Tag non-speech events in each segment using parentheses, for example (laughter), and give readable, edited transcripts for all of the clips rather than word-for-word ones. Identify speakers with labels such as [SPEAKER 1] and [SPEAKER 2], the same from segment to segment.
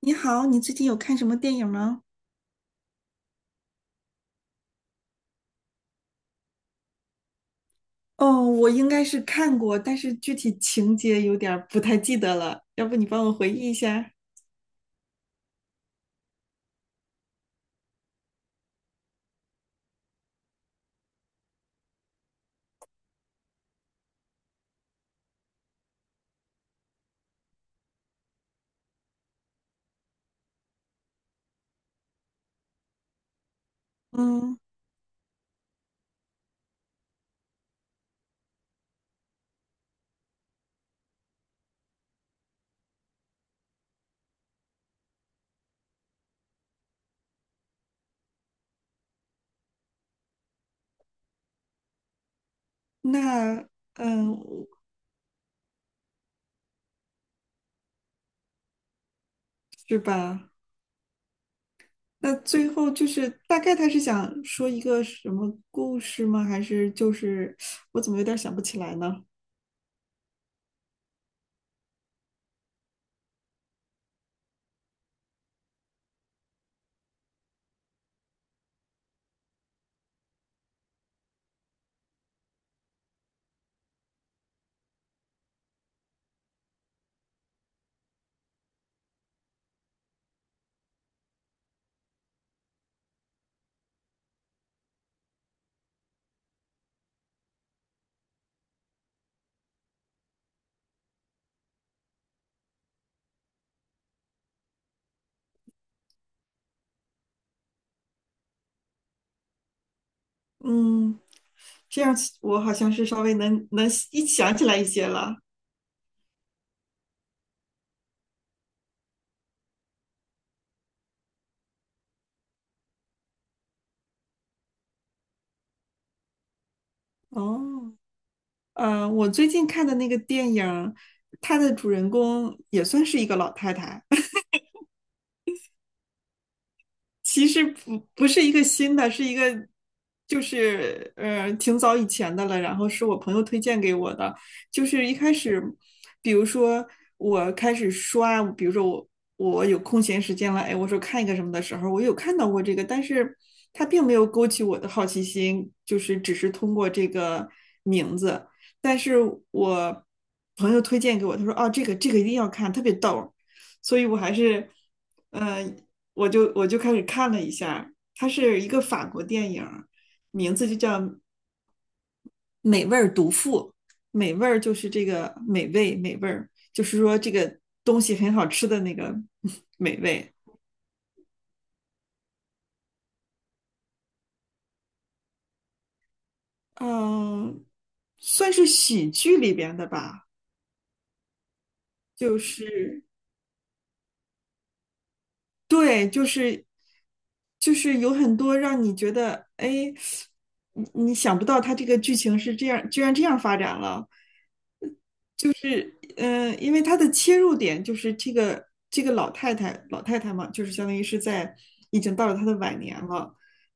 [SPEAKER 1] 你好，你最近有看什么电影吗？哦，我应该是看过，但是具体情节有点儿不太记得了，要不你帮我回忆一下？嗯。那，嗯，是吧？那最后就是大概他是想说一个什么故事吗？还是就是我怎么有点儿想不起来呢？嗯，这样我好像是稍微能一想起来一些了。哦，我最近看的那个电影，它的主人公也算是一个老太太。其实不是一个新的，是一个就是挺早以前的了，然后是我朋友推荐给我的。就是一开始，比如说我开始刷，比如说我有空闲时间了，哎，我说看一个什么的时候，我有看到过这个，但是它并没有勾起我的好奇心，就是只是通过这个名字。但是我朋友推荐给我，他说哦，这个一定要看，特别逗儿，所以我还是。呃我就开始看了一下，它是一个法国电影，名字就叫《美味毒妇》。美味儿就是这个美味，美味儿就是说这个东西很好吃的那个美味。嗯，算是喜剧里边的吧。就是对，就是有很多让你觉得，哎，你想不到它这个剧情是这样，居然这样发展了。嗯，因为他的切入点就是这个老太太，老太太嘛，就是相当于是在已经到了她的晚年了。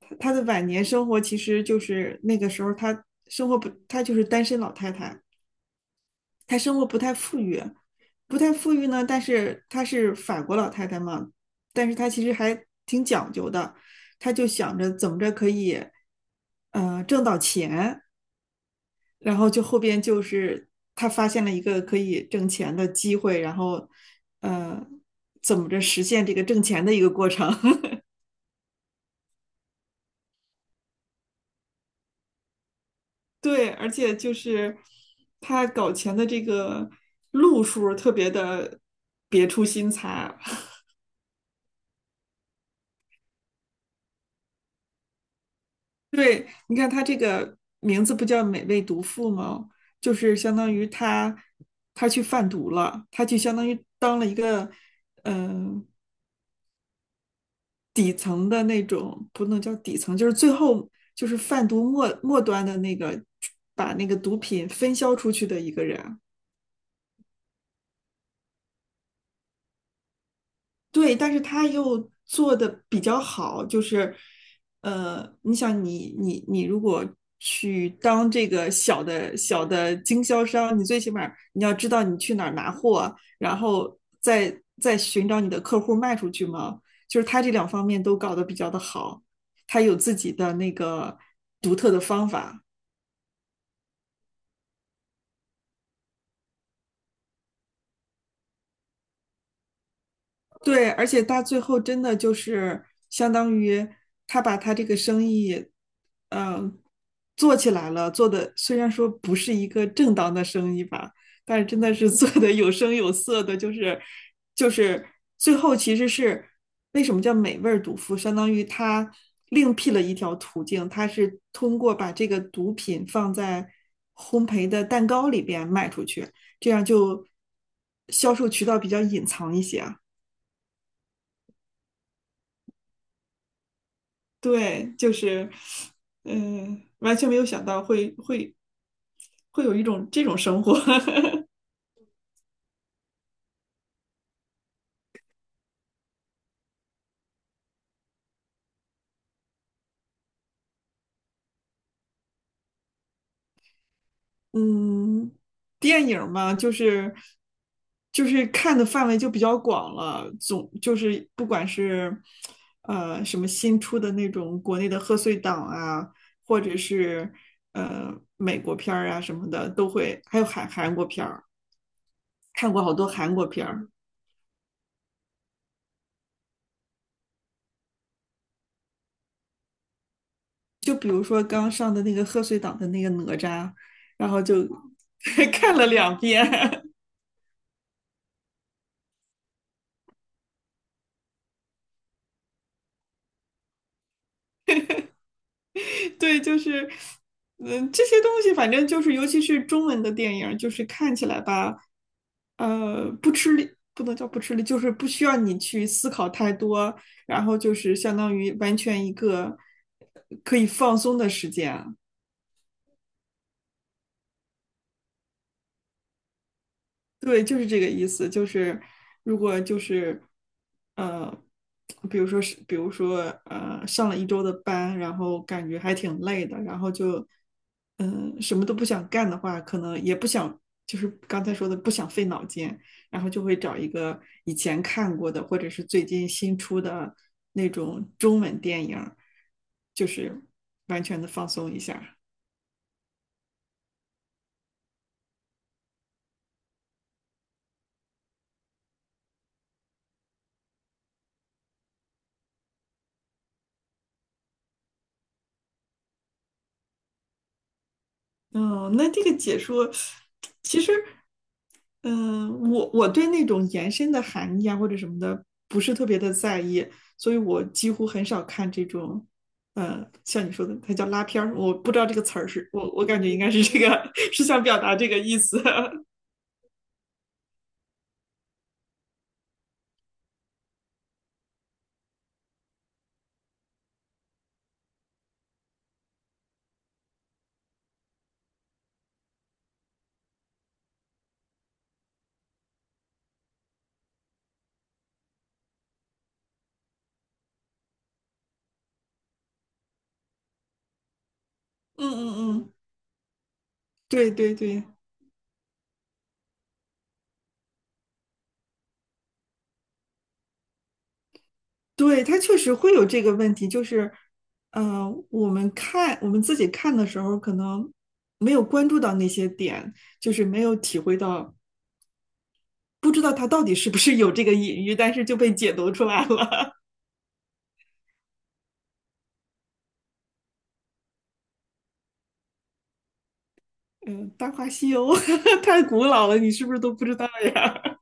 [SPEAKER 1] 她的晚年生活其实就是那个时候她生活不，她就是单身老太太，她生活不太富裕，不太富裕呢。但是她是法国老太太嘛，但是她其实还挺讲究的，她就想着怎么着可以，挣到钱。然后就后边就是他发现了一个可以挣钱的机会，然后呃，怎么着实现这个挣钱的一个过程。 (laughs)？对，而且就是他搞钱的这个路数特别的别出心裁。(laughs) 对，你看他这个名字不叫"美味毒妇"吗？就是相当于他去贩毒了，他就相当于当了一个嗯、呃底层的那种，不能叫底层，就是最后就是贩毒末端的那个，把那个毒品分销出去的一个人。对，但是他又做的比较好，就是，你想，你如果去当这个小的经销商，你最起码你要知道你去哪儿拿货，然后再寻找你的客户卖出去嘛。就是他这两方面都搞得比较的好，他有自己的那个独特的方法。对，而且他最后真的就是相当于他把他这个生意，嗯、做起来了，做的虽然说不是一个正当的生意吧，但是真的是 (laughs) 做的有声有色的。就是就是最后其实是为什么叫美味儿毒妇，相当于他另辟了一条途径，他是通过把这个毒品放在烘焙的蛋糕里边卖出去，这样就销售渠道比较隐藏一些。对，就是，完全没有想到会有一种这种生活。(laughs) 嗯，电影儿嘛，就是看的范围就比较广了，总就是不管是什么新出的那种国内的贺岁档啊，或者是呃美国片儿啊什么的，都会，还有韩国片儿，看过好多韩国片儿。就比如说刚上的那个贺岁档的那个哪吒，然后就 (laughs) 看了两遍。 (laughs)。对，就是这些东西反正就是，尤其是中文的电影，就是看起来吧，不吃力，不能叫不吃力，就是不需要你去思考太多，然后就是相当于完全一个可以放松的时间。对，就是这个意思，就是如果就是，呃，比如说是，比如说，上了一周的班，然后感觉还挺累的，然后就什么都不想干的话，可能也不想，就是刚才说的不想费脑筋，然后就会找一个以前看过的或者是最近新出的那种中文电影儿，就是完全的放松一下。嗯，那这个解说，其实，嗯、我对那种延伸的含义啊或者什么的不是特别的在意，所以我几乎很少看这种，像你说的，它叫拉片儿，我不知道这个词儿是，我感觉应该是这个，(laughs) 是想表达这个意思。(laughs) 嗯嗯嗯，对对对，对，它确实会有这个问题，就是，我们看我们自己看的时候，可能没有关注到那些点。就是没有体会到不知道他到底是不是有这个隐喻，但是就被解读出来了。(laughs) 嗯，《大话西游》。(laughs) 太古老了，你是不是都不知道呀？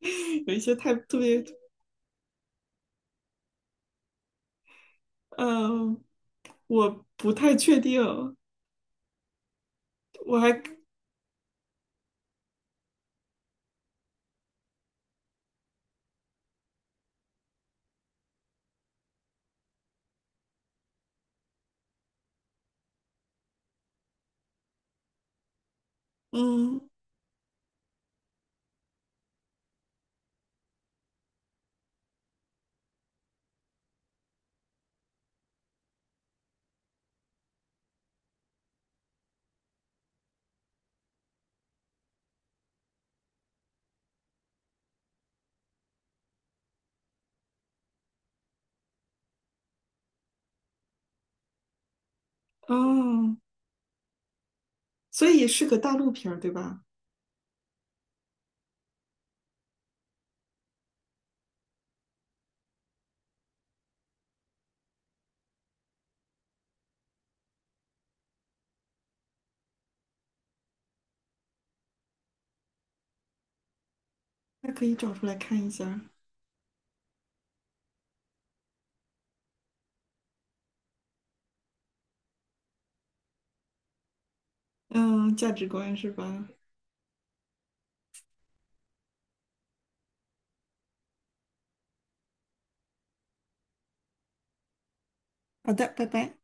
[SPEAKER 1] (laughs) 有一些太特别。嗯，我不太确定，我还嗯哦，所以是个大陆片儿对吧？那可以找出来看一下。嗯，价值观是吧？好的，拜拜。